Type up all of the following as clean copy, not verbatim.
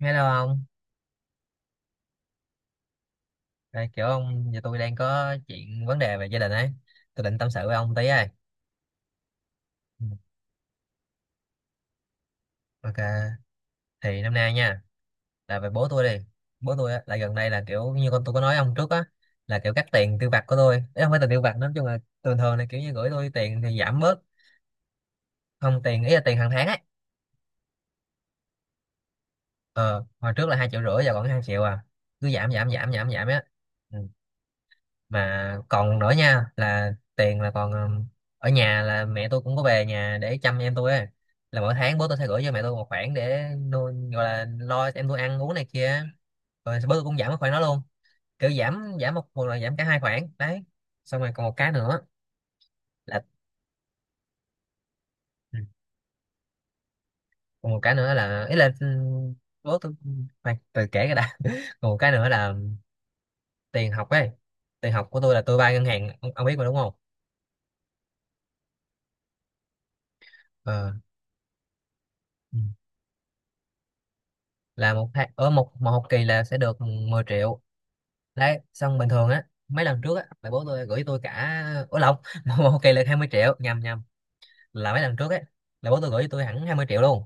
Nghe đâu không? Đây, kiểu ông, giờ tôi đang có chuyện vấn đề về gia đình ấy. Tôi định tâm sự với ông tí ấy. Ừ. Ok, thì năm nay nha, là về bố tôi đi. Bố tôi á, là gần đây là kiểu như con tôi có nói ông trước á, là kiểu cắt tiền tiêu vặt của tôi. Đấy, không phải tiền tiêu vặt, nói chung là thường thường là kiểu như gửi tôi tiền thì giảm bớt. Không, tiền ý là tiền hàng tháng ấy. Ờ Hồi trước là 2,5 triệu, giờ còn 2 triệu à. Cứ giảm giảm giảm giảm giảm á. Ừ. Mà còn nữa nha, là tiền là còn ở nhà là mẹ tôi cũng có về nhà để chăm em tôi ấy. Là mỗi tháng bố tôi sẽ gửi cho mẹ tôi một khoản để nuôi, gọi là lo cho em tôi ăn uống này kia. Rồi bố tôi cũng giảm cái khoản đó luôn. Kiểu giảm giảm, một một là giảm cả hai khoản đấy. Xong rồi còn một cái nữa là ừ, còn một cái nữa là ý là bố tôi khoan, từ kể cái đã còn một cái nữa là tiền học ấy. Tiền học của tôi là tôi vay ngân hàng ông biết mà đúng không? Ờ. Ừ. Là một hai ở một một học kỳ là sẽ được 10 triệu. Đấy, xong bình thường á mấy lần trước á là bố tôi gửi tôi cả ủa lộn một học kỳ là 20 triệu nhầm nhầm. Là mấy lần trước ấy, là bố tôi gửi tôi hẳn 20 triệu luôn.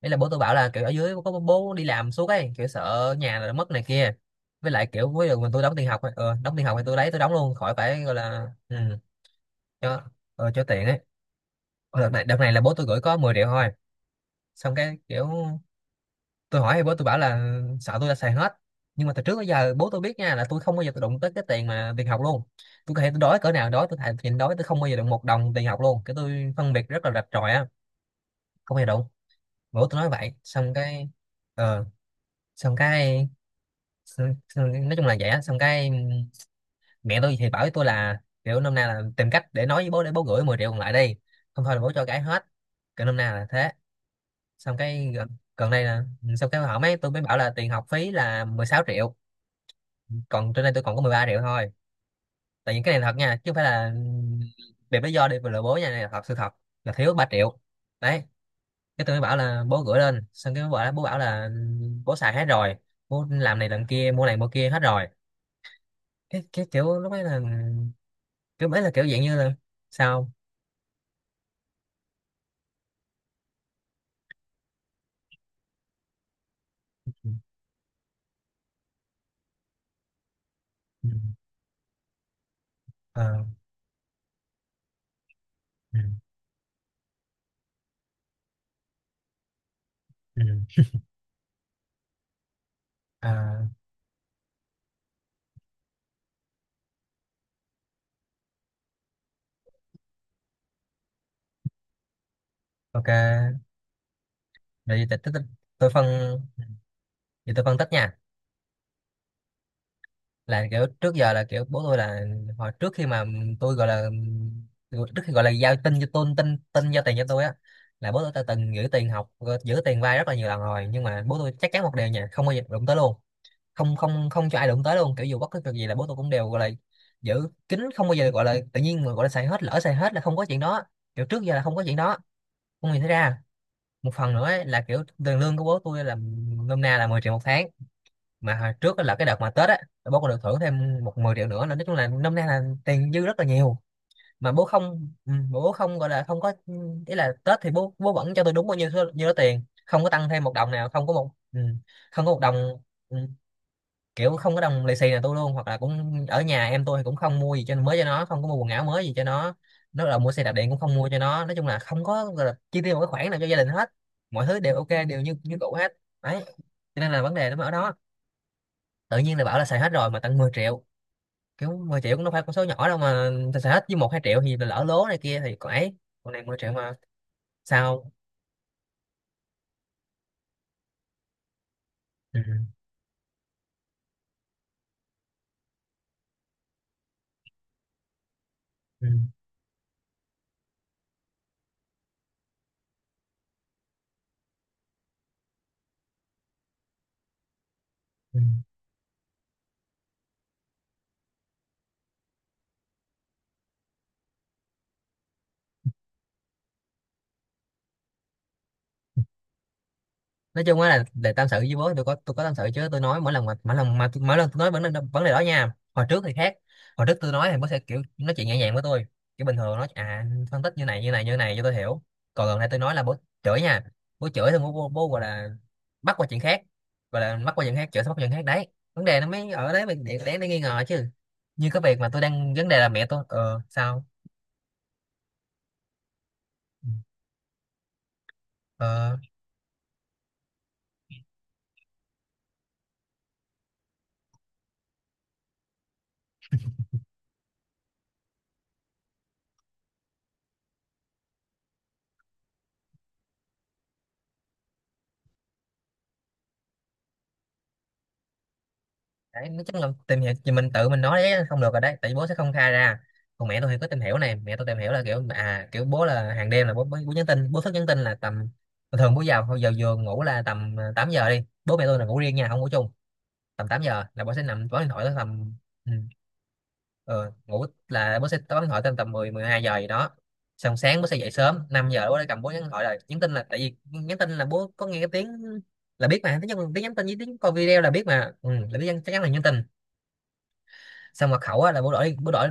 Đấy là bố tôi bảo là kiểu ở dưới có bố bố đi làm suốt ấy, kiểu sợ nhà là mất này kia. Với lại kiểu với mình tôi đóng tiền học ấy. Ờ, đóng tiền học thì tôi lấy tôi đóng luôn khỏi phải gọi là cho cho tiện ấy. Ờ, đợt này là bố tôi gửi có 10 triệu thôi. Xong cái kiểu tôi hỏi thì bố tôi bảo là sợ tôi đã xài hết. Nhưng mà từ trước tới giờ bố tôi biết nha, là tôi không bao giờ tôi đụng tới cái tiền mà tiền học luôn. Tôi có thể tôi đói cỡ nào đói, tôi thà nhịn đói tôi không bao giờ đụng một đồng tiền học luôn. Cái tôi phân biệt rất là rạch ròi á, không bao giờ đụng. Bố tôi nói vậy xong cái ờ xong cái xong, nói chung là vậy á. Xong cái mẹ tôi thì bảo với tôi là kiểu năm nay là tìm cách để nói với bố để bố gửi 10 triệu còn lại đi. Không thôi là bố cho cái hết. Kiểu năm nay là thế. Xong cái gần đây là xong cái hỏi mấy tôi mới bảo là tiền học phí là 16 triệu. Còn trên đây tôi còn có 13 triệu thôi. Tại những cái này thật nha, chứ không phải là đẹp lý do đi vừa lừa bố nha, này là thật sự thật, là thiếu 3 triệu. Đấy, cái tôi mới bảo là bố gửi lên, xong cái bố bảo là bố xài hết rồi, bố làm này làm kia mua này mua kia hết rồi. Cái kiểu lúc ấy là kiểu mấy là kiểu dạng như là sao ừ, ừ, ờ, ừ, ừ, ờ, ok. Rồi giờ tôi phân giờ tôi phân tích nha, là kiểu trước giờ là kiểu bố tôi là hồi trước khi mà tôi gọi là trước khi gọi là giao tiền cho tôi á, là bố tôi đã từng giữ tiền học, giữ tiền vay rất là nhiều lần rồi. Nhưng mà bố tôi chắc chắn một điều nha, không bao giờ đụng tới luôn, không không không cho ai đụng tới luôn. Kiểu dù bất cứ việc gì là bố tôi cũng đều gọi là giữ kín, không bao giờ gọi là tự nhiên mà gọi là xài hết, lỡ xài hết là không có chuyện đó. Kiểu trước giờ là không có chuyện đó. Không nhìn thấy ra. Một phần nữa ấy, là kiểu tiền lương của bố tôi là nôm na là 10 triệu một tháng. Mà hồi trước á là cái đợt mà Tết á, bố còn được thưởng thêm một 10 triệu nữa, là nói chung là năm nay là tiền dư rất là nhiều. Mà bố không bố không gọi là không có ý là Tết thì bố bố vẫn cho tôi đúng bao nhiêu số- nhiêu đó tiền, không có tăng thêm một đồng nào, không có một không có một đồng ừ, kiểu không có đồng lì xì nào tôi luôn. Hoặc là cũng ở nhà em tôi thì cũng không mua gì cho mới cho nó, không có mua quần áo mới gì cho nó là mua xe đạp điện cũng không mua cho nó. Nói chung là không có gọi là chi tiêu một cái khoản nào cho gia đình hết. Mọi thứ đều ok đều như như cũ hết. Đấy, cho nên là vấn đề nó mới ở đó. Tự nhiên là bảo là xài hết rồi mà tận 10 triệu. Kiểu 10 triệu cũng đâu phải con số nhỏ đâu mà. Xài hết với 1 2 triệu thì lỡ lố này kia thì còn ấy, còn này 10 triệu mà. Sao? Ừ. Ừ. Ừ. Nói chung á, là để tâm sự với bố tôi có tâm sự chứ. Tôi nói mỗi lần mà mỗi lần tôi nói vấn đề đó nha, hồi trước thì khác. Hồi trước tôi nói thì bố sẽ kiểu nói chuyện nhẹ nhàng với tôi, kiểu bình thường nói à phân tích như này như này như này cho tôi hiểu. Còn gần đây tôi nói là bố chửi nha. Bố chửi thì bố gọi là bắt qua chuyện khác, gọi là bắt qua chuyện khác, chửi xong bắt qua chuyện khác. Đấy, vấn đề nó mới ở đấy mình để nghi ngờ chứ. Như cái việc mà tôi đang vấn đề là mẹ tôi ờ sao ờ đấy nói chắc là tìm hiểu thì mình tự mình nói đấy không được rồi đấy, tại vì bố sẽ không khai ra. Còn mẹ tôi thì có tìm hiểu này, mẹ tôi tìm hiểu là kiểu à kiểu bố là hàng đêm là bố bố, bố nhắn tin, bố thức nhắn tin là tầm thường bố vào giờ giường ngủ là tầm 8 giờ đi, bố mẹ tôi là ngủ riêng nha không ngủ chung. Tầm 8 giờ là bố sẽ nằm bấm điện thoại tới tầm ừ, ờ, ngủ là bố sẽ bấm điện thoại tới tầm mười 12 giờ gì đó. Xong sáng bố sẽ dậy sớm 5 giờ bố đã cầm bố nhắn hỏi rồi nhắn tin là tại vì nhắn tin là bố có nghe cái tiếng, là biết mà tiếng nhắn tin với tiếng coi video là biết mà là biết chắc chắn là nhắn tin. Xong mật khẩu á, là bố đổi,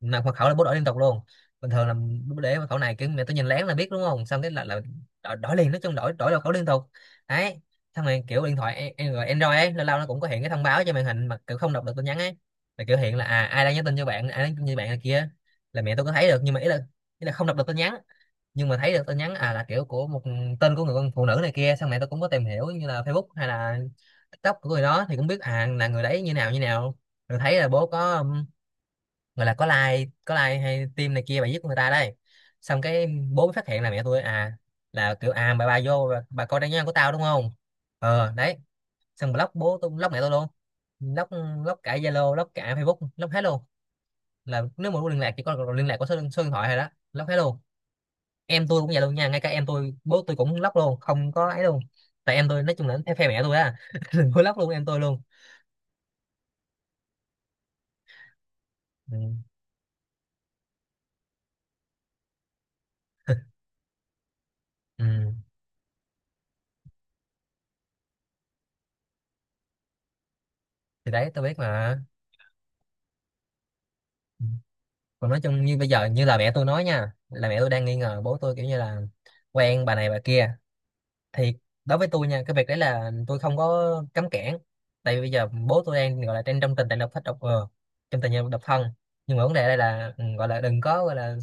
mà mật khẩu là bố đổi liên tục luôn. Bình thường là bố để mật khẩu này cái mẹ tôi nhìn lén là biết đúng không, xong cái là đổi liền, nói chung đổi đổi mật khẩu liên tục. Đấy, xong rồi kiểu điện thoại Android ấy lâu lâu nó cũng có hiện cái thông báo trên màn hình mà kiểu không đọc được tin nhắn ấy. Là kiểu hiện là à ai đang nhắn tin cho bạn này kia, là mẹ tôi có thấy được. Nhưng mà ý là không đọc được tin nhắn, nhưng mà thấy được tin nhắn à, là kiểu của một tên của người con phụ nữ này kia. Xong mẹ tôi cũng có tìm hiểu như là Facebook hay là TikTok của người đó thì cũng biết à là người đấy như nào như nào. Rồi thấy là bố có gọi là có like hay tim này kia bà giết người ta đây. Xong cái bố mới phát hiện là mẹ tôi à, là kiểu à bà coi trang nhóm của tao đúng không. Ờ đấy, xong block, bố tôi block mẹ tôi luôn. Block Block cả Zalo, block cả Facebook, block hết luôn. Là nếu mà muốn liên lạc chỉ có liên lạc có số điện thoại thôi đó, block hết luôn. Em tôi cũng vậy luôn nha, ngay cả em tôi bố tôi cũng block luôn không có ấy luôn. Tại em tôi nói chung là theo phe mẹ tôi á. Block luôn em tôi luôn. Ừ. Ừ. Thì đấy tôi biết mà. Ừ. Còn nói chung như bây giờ, như là mẹ tôi nói nha, là mẹ tôi đang nghi ngờ bố tôi kiểu như là quen bà này bà kia, thì đối với tôi nha, cái việc đấy là tôi không có cấm cản, tại vì bây giờ bố tôi đang gọi là đang trong tình trạng độc thân, trong tình trạng độc thân. Nhưng mà vấn đề đây là gọi là đừng có gọi là...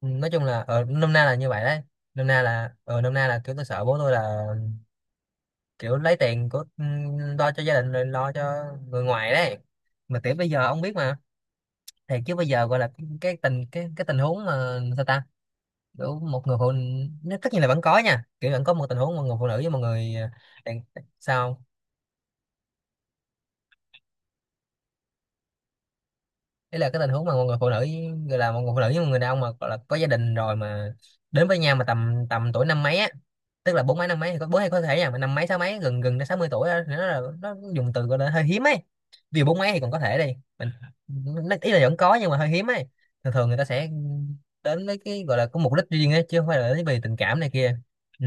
Ừ, nói chung là ở nôm na là như vậy đấy. Nôm na là kiểu tôi sợ bố tôi là kiểu lấy tiền của lo cho gia đình, rồi lo cho người ngoài đấy, mà kiểu bây giờ ông biết mà. Thì chứ bây giờ gọi là cái tình huống mà sao ta, kiểu một người phụ nó tất nhiên là vẫn có nha, kiểu vẫn có một tình huống một người phụ nữ với một người đàn sao? Đấy là cái tình huống mà một người phụ nữ với một người đàn ông mà gọi là có gia đình rồi, mà đến với nhau mà tầm tầm tuổi năm mấy á, tức là bốn mấy năm mấy thì có, bốn hay có thể nha, mà năm mấy sáu mấy gần gần đến 60 tuổi á, thì nó là, nó dùng từ gọi là hơi hiếm ấy. Vì bốn mấy thì còn có thể, đi mình ý là vẫn có nhưng mà hơi hiếm ấy. Thường thường người ta sẽ đến với cái gọi là có mục đích riêng ấy, chứ không phải là đến vì tình cảm này kia. Ừ,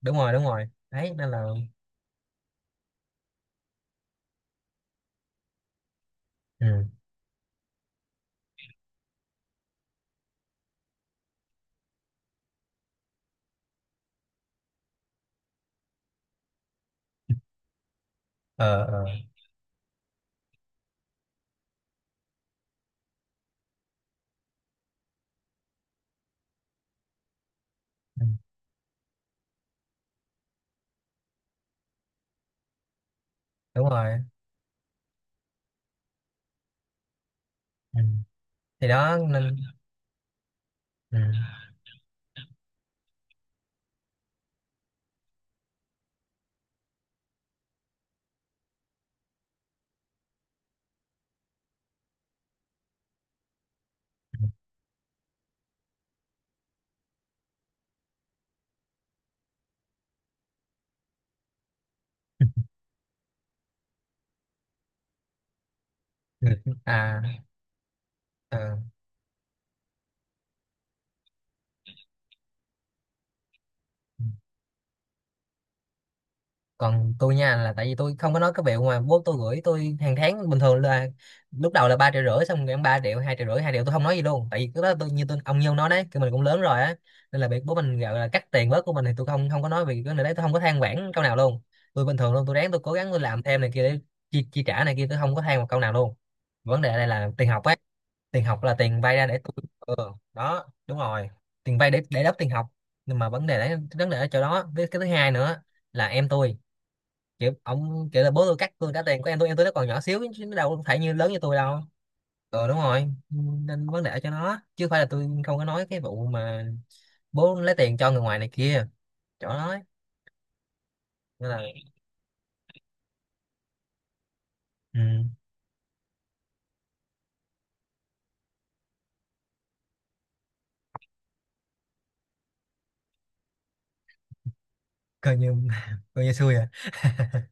đúng rồi, đúng rồi đấy, nên là ừ, ờ, ờ. Ừ. Đúng rồi. Ừ. Thì đó nên... Ừ. À. Ờ. Còn tôi nha, là tại vì tôi không có nói cái việc mà bố tôi gửi tôi hàng tháng bình thường là, lúc đầu là 3,5 triệu, xong rồi 3 triệu, 2,5 triệu, 2 triệu, tôi không nói gì luôn, tại vì cái đó tôi, như tôi ông Nhân nói đấy, cái mình cũng lớn rồi á, nên là việc bố mình gọi là cắt tiền bớt của mình thì tôi không không có nói. Vì cái này đấy tôi không có than vãn câu nào luôn, tôi bình thường luôn, tôi ráng, tôi cố gắng, tôi làm thêm này kia để chi trả này kia, tôi không có than một câu nào luôn. Vấn đề ở đây là tiền học á, tiền học là tiền vay ra để tôi... Ừ, đó đúng rồi. Tiền vay để đắp tiền học, nhưng mà vấn đề đấy, vấn đề ở chỗ đó, với cái thứ hai nữa là em tôi, kiểu ông kiểu là bố tôi cắt tôi trả tiền của em tôi, em tôi nó còn nhỏ xíu chứ nó đâu phải như lớn như tôi đâu. Ừ, đúng rồi, nên vấn đề ở chỗ nó, chứ không phải là tôi không có nói cái vụ mà bố lấy tiền cho người ngoài này kia, chỗ đó ấy. Nên là ừ, coi như coi như xui à.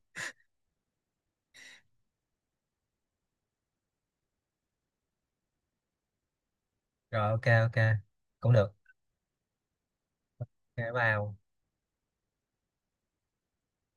Rồi, ok ok, cũng được. Ok, bye.